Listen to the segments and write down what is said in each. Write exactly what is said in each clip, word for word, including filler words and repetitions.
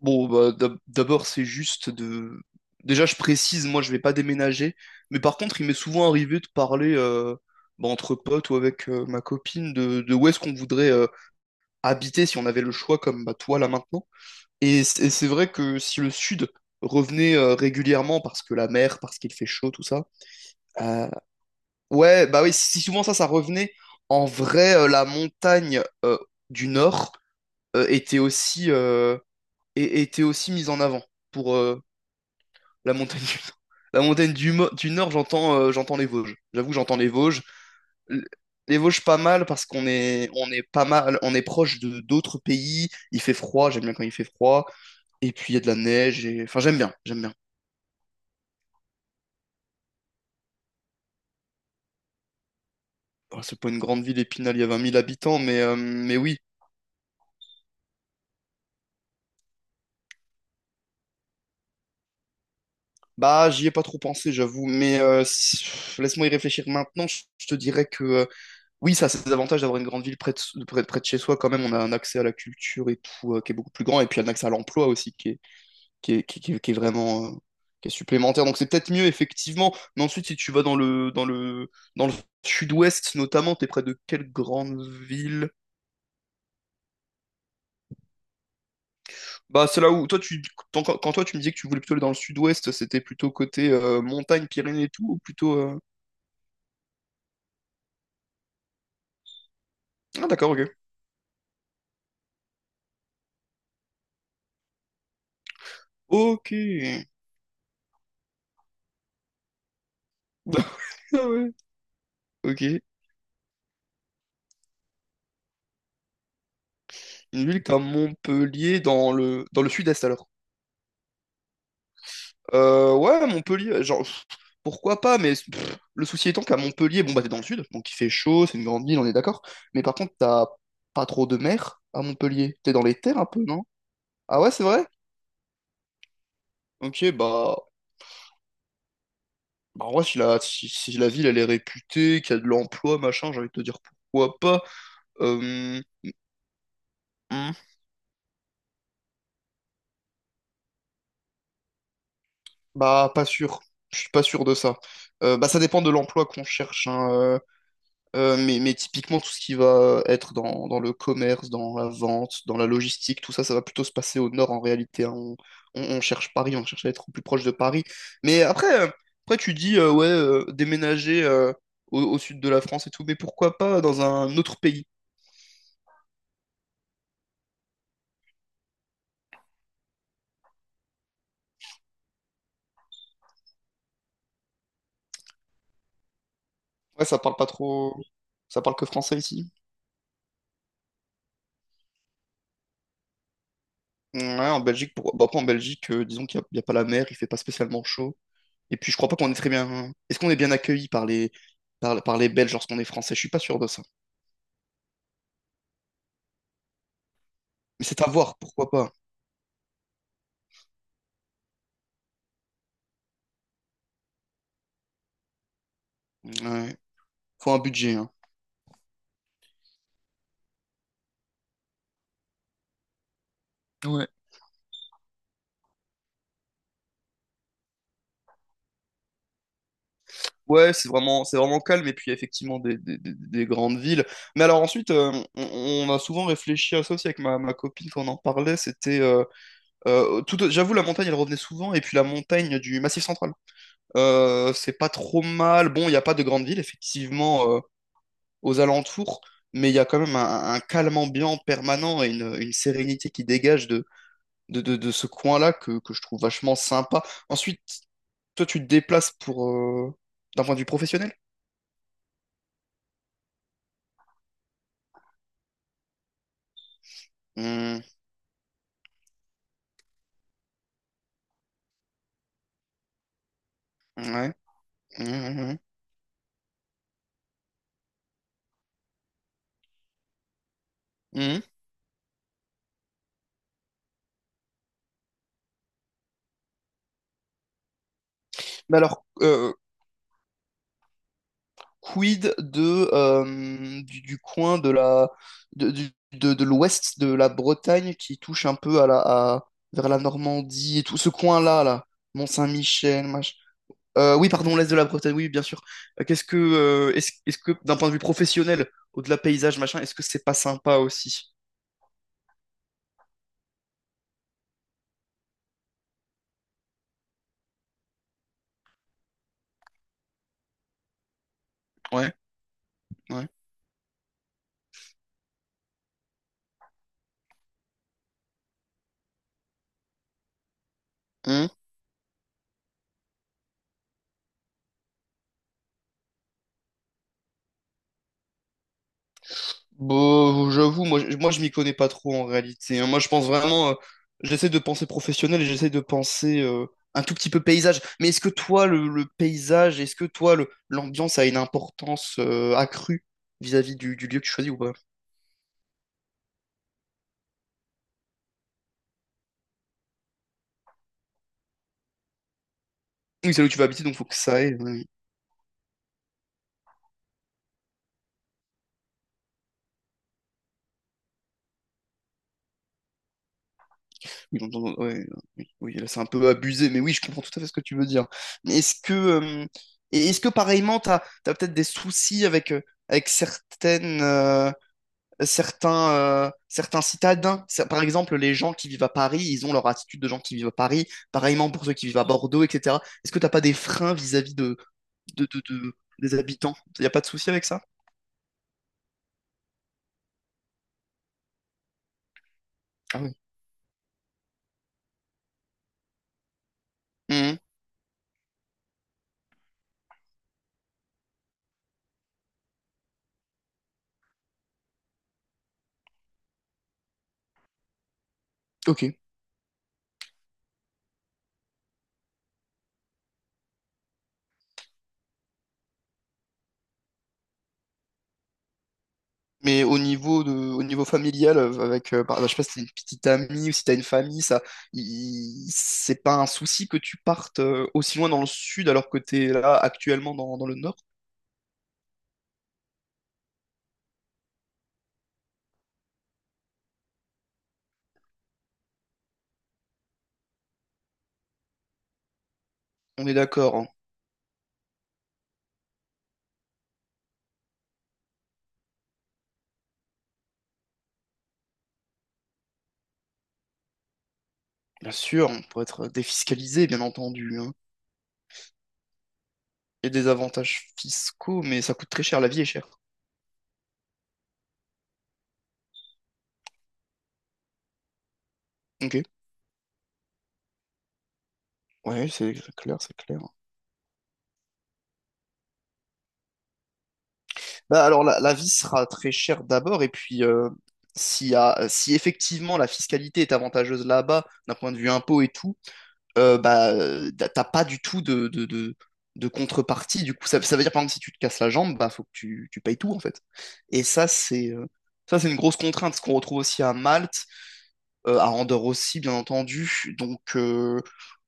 Bon, bah, d'ab- d'abord, c'est juste de... Déjà, je précise, moi, je vais pas déménager. Mais par contre, il m'est souvent arrivé de parler euh, bah, entre potes ou avec euh, ma copine de, de où est-ce qu'on voudrait euh, habiter si on avait le choix, comme bah, toi, là, maintenant. Et c'est et c'est vrai que si le sud revenait euh, régulièrement, parce que la mer, parce qu'il fait chaud, tout ça, euh, ouais, bah oui, si souvent ça, ça revenait, en vrai, euh, la montagne euh, du nord euh, était aussi, euh, é- était aussi mise en avant pour, euh, la montagne du Nord. La montagne du, Mo- du Nord, j'entends euh, j'entends les Vosges. J'avoue que j'entends les Vosges. L- Les Vosges, pas mal parce qu'on est, on est pas mal, on est proche de d'autres pays. Il fait froid, j'aime bien quand il fait froid. Et puis il y a de la neige. Et... Enfin, j'aime bien, j'aime bien. Oh, c'est pas une grande ville, Épinal, il y a vingt mille habitants, mais, euh, mais oui. Bah, j'y ai pas trop pensé, j'avoue. Mais euh, si- laisse-moi y réfléchir maintenant. Je je te dirais que euh, oui, ça a ses avantages d'avoir une grande ville près de, près, près de chez soi. Quand même, on a un accès à la culture et tout euh, qui est beaucoup plus grand. Et puis un accès à l'emploi aussi qui est, qui est, qui, qui- qui est vraiment euh, qui est supplémentaire. Donc c'est peut-être mieux effectivement. Mais ensuite, si tu vas dans le dans le dans le sud-ouest notamment, t'es près de quelle grande ville? Bah c'est là où toi tu quand, quand toi tu me disais que tu voulais plutôt aller dans le sud-ouest, c'était plutôt côté euh, montagne, Pyrénées et tout, ou plutôt euh, ah d'accord, ok. Ok. Ah ouais. Ok. Une ville comme Montpellier dans le dans le sud-est alors. Euh, ouais, Montpellier, genre, pff, pourquoi pas, mais pff, le souci étant qu'à Montpellier, bon, bah, t'es dans le sud, donc il fait chaud, c'est une grande ville, on est d'accord. Mais par contre, t'as pas trop de mer à Montpellier. T'es dans les terres un peu, non? Ah ouais, c'est vrai? Ok, bah, bah, en vrai, si la, si, si la ville, elle est réputée, qu'il y a de l'emploi, machin, j'ai envie de te dire pourquoi pas. Euh, hmm, bah, pas sûr. Je suis pas sûr de ça. Euh, bah, ça dépend de l'emploi qu'on cherche, hein. Euh, Euh, mais, mais typiquement, tout ce qui va être dans, dans le commerce, dans la vente, dans la logistique, tout ça, ça va plutôt se passer au nord en réalité, hein. On, on- on cherche Paris, on cherche à être au plus proche de Paris. Mais après, euh, après tu dis, euh, ouais, euh, déménager euh, au, au sud de la France et tout, mais pourquoi pas dans un autre pays? Ouais, ça parle pas trop, ça parle que français ici. Ouais, en Belgique, pour... bah, après, en Belgique, euh, disons qu'il n'y a, il y a pas la mer, il fait pas spécialement chaud. Et puis, je crois pas qu'on est très bien, hein. Est-ce qu'on est bien accueilli par les, par, par les Belges lorsqu'on est français? Je suis pas sûr de ça. Mais c'est à voir, pourquoi pas. Ouais. Faut un budget, hein. Ouais. Ouais, c'est vraiment, c'est vraiment calme, et puis il y a effectivement des, des- des- des grandes villes. Mais alors ensuite, euh, on, on a souvent réfléchi à ça aussi avec ma, ma copine quand on en parlait, c'était... euh, euh, tout- j'avoue, la montagne, elle revenait souvent, et puis la montagne du Massif Central. Euh, c'est pas trop mal. Bon, il n'y a pas de grandes villes, effectivement, euh, aux alentours, mais il y a quand même un, un calme ambiant permanent et une, une sérénité qui dégage de, de, de- de ce coin-là que, que je trouve vachement sympa. Ensuite, toi, tu te déplaces pour euh, d'un point de vue professionnel? Hmm, ouais. Hmm, hmm, hmm. Mais alors, euh, quid de euh, du, du coin de la de, du- de, de l'ouest de la Bretagne qui touche un peu à la à- vers la Normandie et tout ce coin-là là, Mont-Saint-Michel, mach... Euh, oui, pardon, l'est de la Bretagne, oui, bien sûr. Euh, qu'est-ce que euh, est-ce, est-ce que d'un point de vue professionnel, au-delà paysage machin, est-ce que c'est pas sympa aussi? Ouais, ouais. Bon, j'avoue, moi, je- moi je m'y connais pas trop en réalité, hein. Moi je pense vraiment, euh, j'essaie de penser professionnel et j'essaie de penser euh, un tout petit peu paysage. Mais est-ce que toi, le, le paysage, est-ce que toi, le- l'ambiance a une importance euh, accrue vis-à-vis du, du lieu que tu choisis ou pas? Oui, c'est là où tu vas habiter, donc faut que ça aille, ouais. Oui, dans- dans- ouais, oui, oui, là c'est un peu abusé, mais oui, je comprends tout à fait ce que tu veux dire. Mais est-ce que, euh, et est-ce que pareillement, t'as, t'as peut-être des soucis avec, euh, avec certaines. euh, certains, euh, certains citadins. Ça- Par exemple, les gens qui vivent à Paris, ils ont leur attitude de gens qui vivent à Paris. Pareillement pour ceux qui vivent à Bordeaux, et cetera. Est-ce que t'as pas des freins vis-à-vis de, de, de- de- des habitants? Y a pas de souci avec ça? Ah oui. Mhm. Ok. Mais au niveau de, au niveau familial, euh, avec, euh, par- je sais pas si t'as une petite amie ou si t'as une famille, ça, il- c'est pas un souci que tu partes euh, aussi loin dans le sud alors que t'es là actuellement dans, dans le nord? On est d'accord, hein. Bien sûr, on pourrait être défiscalisé, bien entendu. Il y a des avantages fiscaux, mais ça coûte très cher. La vie est chère. Ok. Ouais, c'est clair, c'est clair. Bah, alors, la, la vie sera très chère d'abord, et puis, euh, s'il y a- si effectivement la fiscalité est avantageuse là-bas, d'un point de vue impôt et tout, euh, bah, euh, t'as t'as pas du tout de, de, de, de contrepartie. Du coup, ça, ça veut dire, par exemple, si tu te casses la jambe, bah, faut que tu, tu payes tout, en fait. Et ça, c'est euh, ça, c'est une grosse contrainte, ce qu'on retrouve aussi à Malte, euh, à Andorre aussi, bien entendu. Donc, euh,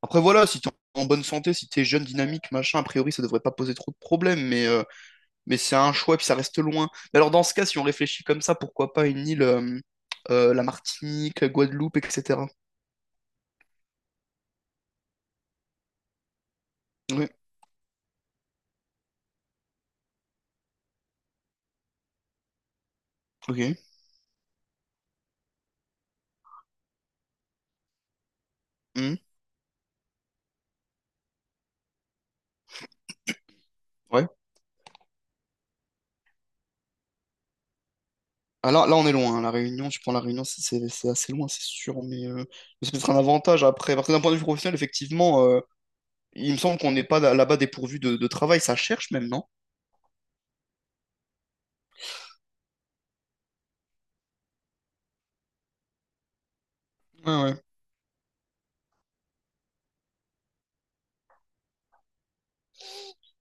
après, voilà, si t'es en bonne santé, si t'es jeune, dynamique, machin, a priori, ça devrait pas poser trop de problèmes, mais, euh, mais c'est un choix, puis ça reste loin. Mais alors, dans ce cas, si on réfléchit comme ça, pourquoi pas une île, euh, euh, la Martinique, la Guadeloupe, et cetera. Oui, ok. Hmm, ouais. Ah, là, là, on est loin, hein. La Réunion, tu prends la Réunion, c'est c'est- c'est assez loin, c'est sûr, mais euh, mais c'est peut-être un avantage après. Parce que d'un point de vue professionnel, effectivement, euh, il me semble qu'on n'est pas là- là-bas dépourvu de, de travail, ça cherche même, non? Ouais,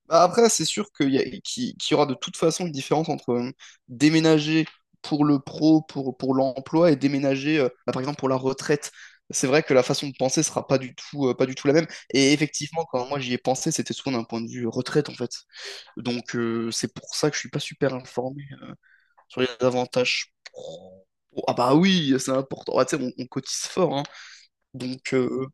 bah, après, c'est sûr qu'il y, a- qu'il- qu'il y aura de toute façon une différence entre euh, déménager pour le pro, pour, pour l'emploi, et déménager, euh, bah, par exemple, pour la retraite. C'est vrai que la façon de penser sera pas du tout, euh, pas du tout la même. Et effectivement, quand moi j'y ai pensé, c'était souvent d'un point de vue retraite, en fait. Donc, euh, c'est pour ça que je suis pas super informé euh, sur les avantages pro. Ah bah oui, c'est important. Ah, tu sais, on, on cotise fort, hein. Donc, euh,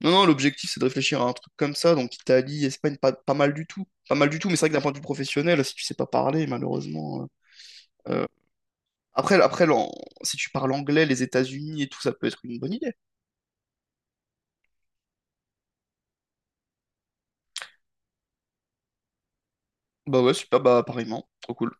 non, non, l'objectif, c'est de réfléchir à un truc comme ça. Donc, Italie, Espagne, pas, pas mal du tout. Pas mal du tout, mais c'est vrai que d'un point de vue professionnel, si tu sais pas parler, malheureusement, euh, euh, Après, après l'an- si tu parles anglais, les États-Unis et tout, ça peut être une bonne idée. Bah ouais, super, bah pareillement. Trop cool.